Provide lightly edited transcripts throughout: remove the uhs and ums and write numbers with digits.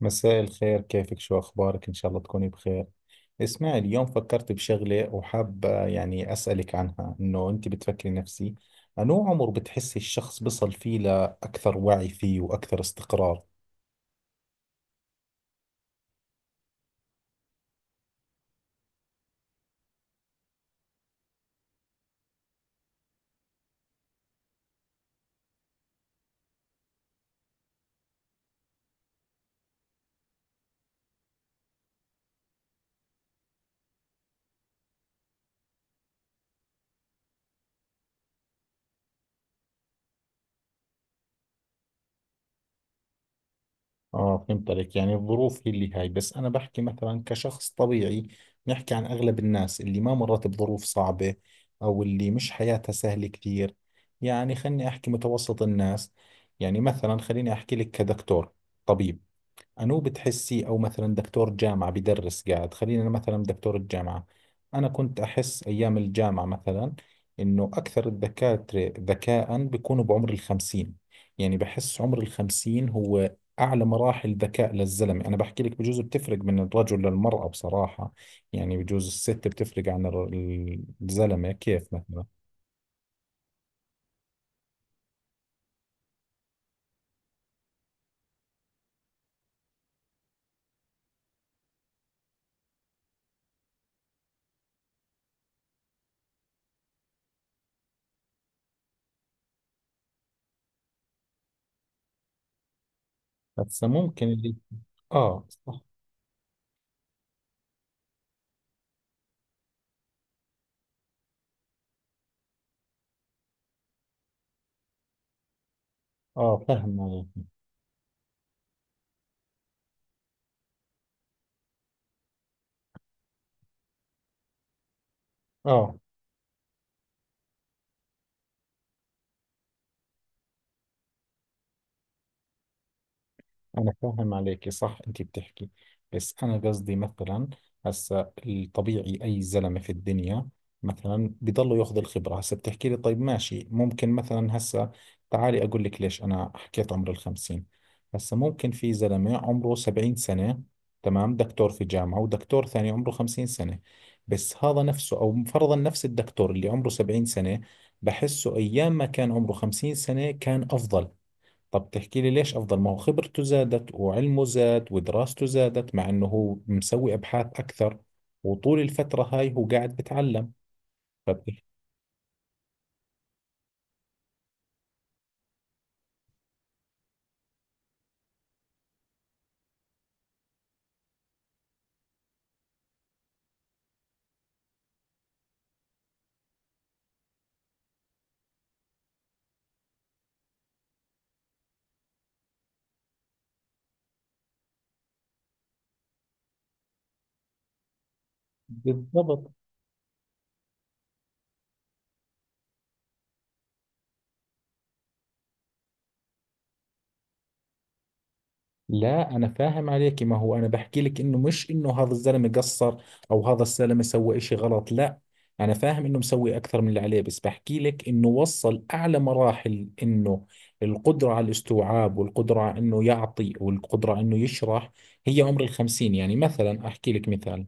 مساء الخير، كيفك؟ شو أخبارك؟ إن شاء الله تكوني بخير. اسمعي، اليوم فكرت بشغلة وحابة يعني أسألك عنها، إنه أنت بتفكري نفسي أنو عمر بتحسي الشخص بصل فيه لأكثر وعي فيه وأكثر استقرار؟ آه، فهمت عليك، يعني الظروف هي اللي هاي. بس أنا بحكي مثلا كشخص طبيعي، نحكي عن أغلب الناس اللي ما مرت بظروف صعبة أو اللي مش حياتها سهلة كثير. يعني خلني أحكي متوسط الناس، يعني مثلا خليني أحكي لك كدكتور، طبيب، أنو بتحسي؟ أو مثلا دكتور جامعة بدرس، قاعد خلينا أنا مثلا دكتور الجامعة. أنا كنت أحس أيام الجامعة مثلا إنه أكثر الدكاترة ذكاء بيكونوا بعمر الخمسين. يعني بحس عمر الخمسين هو أعلى مراحل ذكاء للزلمة. أنا بحكي لك، بجوز بتفرق من الرجل للمرأة بصراحة، يعني بجوز الست بتفرق عن الزلمة كيف مثلا. هسا ممكن اللي… آه صح. آه فاهم عليك. آه، أنا فاهم عليكي، صح أنت بتحكي. بس أنا قصدي مثلا، هسا الطبيعي أي زلمة في الدنيا مثلا بضله ياخذ الخبرة. هسا بتحكي لي طيب ماشي، ممكن مثلا هسا تعالي أقول لك ليش أنا حكيت عمر الخمسين. هسا ممكن في زلمة عمره سبعين سنة، تمام، دكتور في جامعة، ودكتور ثاني عمره خمسين سنة. بس هذا نفسه، أو فرضا نفس الدكتور اللي عمره سبعين سنة، بحسه أيام ما كان عمره خمسين سنة كان أفضل. طب تحكي لي ليش أفضل؟ ما هو خبرته زادت وعلمه زاد ودراسته زادت، مع إنه هو مسوي أبحاث أكثر وطول الفترة هاي هو قاعد بتعلم. فبتحكي بالضبط. لا أنا فاهم عليك، ما هو أنا بحكي لك إنه مش إنه هذا الزلمة قصر أو هذا الزلمة سوى إشي غلط، لا. أنا فاهم إنه مسوي أكثر من اللي عليه، بس بحكي لك إنه وصل أعلى مراحل، إنه القدرة على الاستوعاب والقدرة على إنه يعطي والقدرة على إنه يشرح، هي عمر الخمسين. يعني مثلا أحكي لك مثال،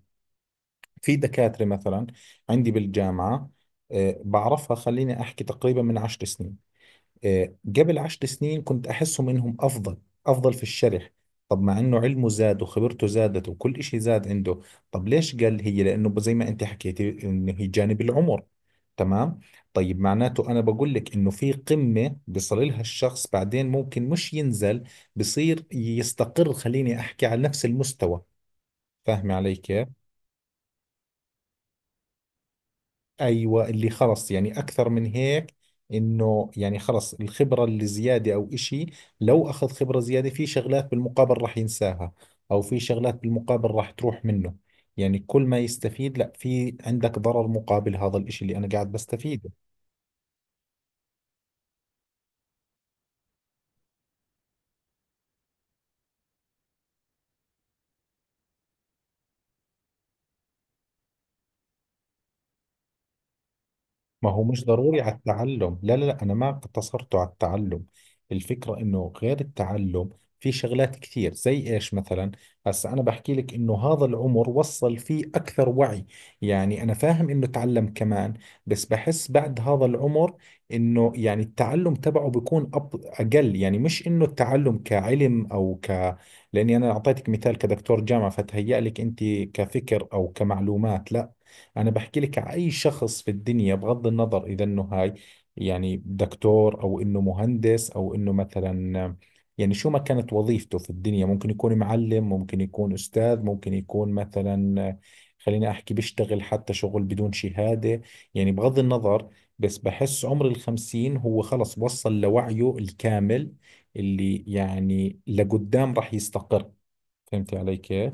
في دكاترة مثلا عندي بالجامعة، بعرفها، خليني أحكي تقريبا من عشر سنين، قبل عشر سنين كنت أحسهم إنهم أفضل، أفضل في الشرح. طب مع إنه علمه زاد وخبرته زادت وكل إشي زاد عنده، طب ليش؟ قال هي لأنه زي ما أنت حكيتي إنه هي جانب العمر، تمام. طيب معناته أنا بقول لك إنه في قمة بيصل لها الشخص، بعدين ممكن مش ينزل، بصير يستقر، خليني أحكي على نفس المستوى. فاهمة علي كيف؟ ايوه، اللي خلص يعني اكثر من هيك، انه يعني خلص الخبره اللي زياده او اشي، لو اخذ خبره زياده في شغلات بالمقابل راح ينساها، او في شغلات بالمقابل راح تروح منه. يعني كل ما يستفيد، لا، في عندك ضرر مقابل هذا الاشي اللي انا قاعد بستفيده. ما هو مش ضروري على التعلم، لا لا لا، أنا ما اقتصرته على التعلم. الفكرة إنه غير التعلم في شغلات كثير. زي إيش مثلا؟ هسا أنا بحكي لك إنه هذا العمر وصل فيه أكثر وعي. يعني أنا فاهم إنه تعلم كمان، بس بحس بعد هذا العمر إنه يعني التعلم تبعه بيكون أقل. يعني مش إنه التعلم كعلم أو ك… لأني أنا أعطيتك مثال كدكتور جامعة فتهيأ لك أنت كفكر أو كمعلومات، لا. أنا بحكي لك أي شخص في الدنيا، بغض النظر إذا إنه هاي، يعني دكتور أو إنه مهندس أو إنه مثلا، يعني شو ما كانت وظيفته في الدنيا، ممكن يكون معلم، ممكن يكون أستاذ، ممكن يكون مثلا، خليني أحكي، بيشتغل حتى شغل بدون شهادة، يعني بغض النظر. بس بحس عمر الخمسين هو خلص وصل لوعيه الكامل، اللي يعني لقدام راح يستقر. فهمتي علي كيف؟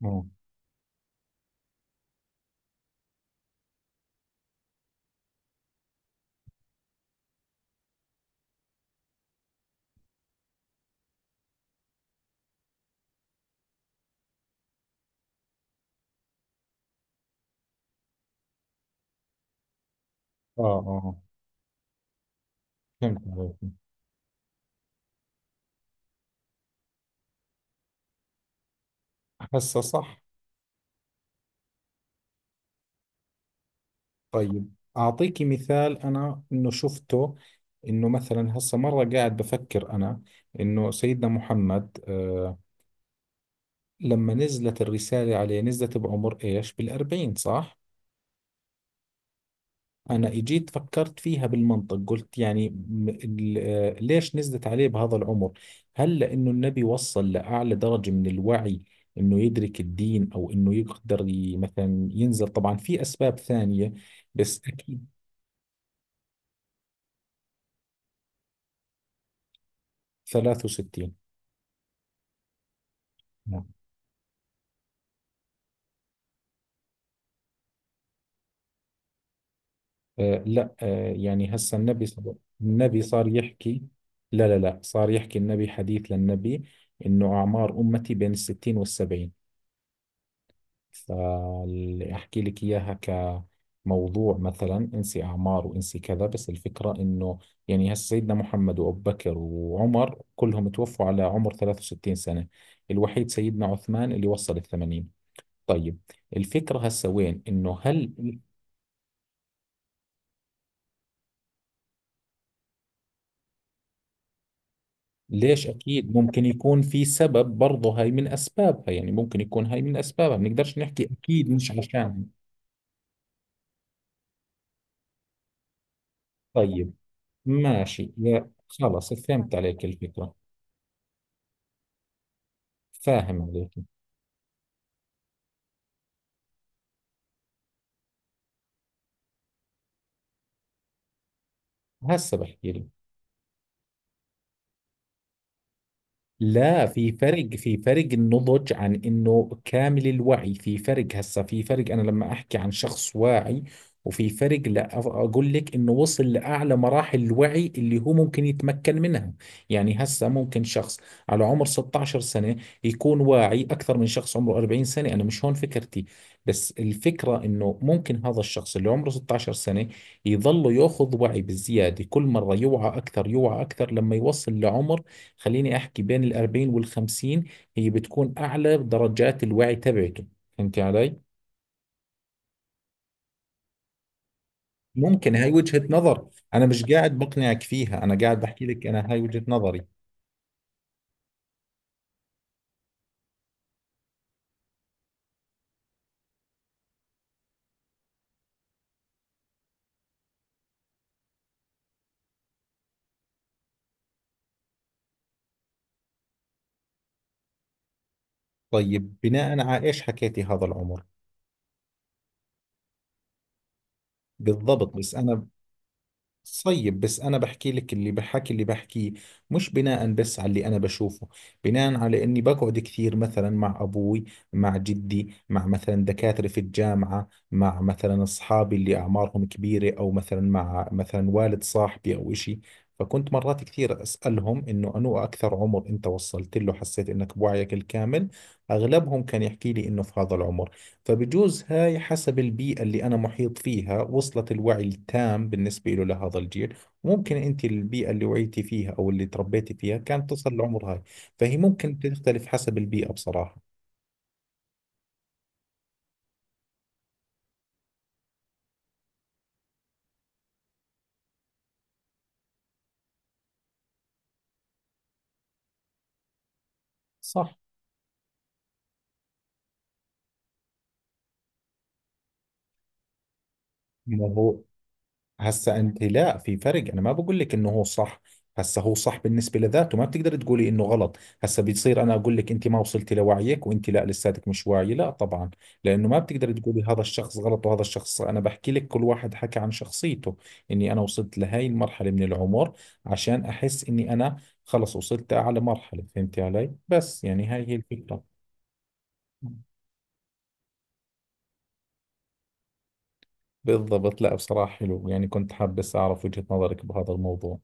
مم. اه اه، فهمت عليك، هسه صح. طيب أعطيكي مثال أنا إنه شفته، إنه مثلا هسا مرة قاعد بفكر أنا إنه سيدنا محمد، لما نزلت الرسالة عليه نزلت بعمر إيش، بالأربعين صح؟ أنا إجيت فكرت فيها بالمنطق، قلت يعني ليش نزلت عليه بهذا العمر؟ هل لأنه النبي وصل لأعلى درجة من الوعي إنه يدرك الدين أو إنه يقدر مثلا ينزل؟ طبعا في أسباب ثانية بس أكيد. 63. آه لا، آه يعني هسا النبي صار يحكي. لا لا لا، صار يحكي النبي حديث للنبي إنه أعمار أمتي بين الستين والسبعين، فأحكي لك إياها كموضوع مثلا. انسي أعمار وانسي كذا، بس الفكرة إنه يعني هسا سيدنا محمد وأبو بكر وعمر كلهم توفوا على عمر 63 سنة، الوحيد سيدنا عثمان اللي وصل الثمانين. طيب، الفكرة هسا وين، إنه هل… ليش اكيد؟ ممكن يكون في سبب برضه، هاي من اسبابها، يعني ممكن يكون هاي من اسبابها، بنقدرش نحكي اكيد مش عشان. طيب ماشي، يا خلص فهمت عليك الفكرة، فاهم عليك. هسه بحكي لك، لا في فرق، في فرق النضج عن انه كامل الوعي، في فرق. هسه في فرق، انا لما احكي عن شخص واعي، وفي فرق لا اقول لك انه وصل لاعلى مراحل الوعي اللي هو ممكن يتمكن منها. يعني هسه ممكن شخص على عمر 16 سنة يكون واعي اكثر من شخص عمره 40 سنة، انا مش هون فكرتي. بس الفكرة انه ممكن هذا الشخص اللي عمره 16 سنة يظل ياخذ وعي بالزيادة، كل مرة يوعى اكثر يوعى اكثر، لما يوصل لعمر، خليني احكي بين الأربعين والخمسين، هي بتكون اعلى درجات الوعي تبعته. فهمتي علي؟ ممكن هاي وجهة نظر، انا مش قاعد بقنعك فيها، انا قاعد بحكي لك انا هاي وجهة نظري. طيب بناء على ايش حكيتي هذا العمر؟ بالضبط. بس انا، طيب بس أنا بحكي لك، اللي بحكي اللي بحكيه مش بناء بس على اللي أنا بشوفه، بناء على إني بقعد كثير مثلا مع أبوي، مع جدي، مع مثلا دكاترة في الجامعة، مع مثلا أصحابي اللي أعمارهم كبيرة، أو مثلا مع مثلا والد صاحبي أو إشي. فكنت مرات كثير أسألهم إنه أنو أكثر عمر أنت وصلت له حسيت إنك بوعيك الكامل؟ أغلبهم كان يحكي لي إنه في هذا العمر. فبجوز هاي حسب البيئة اللي أنا محيط فيها وصلت الوعي التام بالنسبة له لهذا الجيل. ممكن أنت البيئة اللي وعيتي فيها أو اللي تربيتي فيها كانت تصل لعمر هاي، فهي ممكن تختلف حسب البيئة بصراحة. صح. ما هو هسا انت، لا في فرق، انا ما بقول لك انه هو صح. هسا هو صح بالنسبه لذاته، ما بتقدر تقولي انه غلط. هسا بتصير انا اقول لك انت ما وصلتي لوعيك، وانت لا لساتك مش واعي، لا طبعا، لانه ما بتقدر تقولي هذا الشخص غلط وهذا الشخص صح. انا بحكي لك كل واحد حكى عن شخصيته، اني انا وصلت لهي المرحله من العمر عشان احس اني انا خلص وصلت لاعلى مرحله. فهمتي علي؟ بس يعني هاي هي الفكره. بالضبط. لا بصراحه حلو، يعني كنت حابس اعرف وجهه نظرك بهذا الموضوع.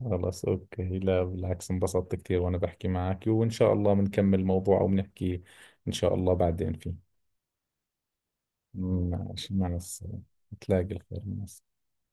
خلاص أوكي، لا بالعكس انبسطت كثير وأنا بحكي معك، وإن شاء الله بنكمل الموضوع أو بنحكي إن شاء الله بعدين فيه. ماشي، مع السلامة. تلاقي الخير، مع السلامة.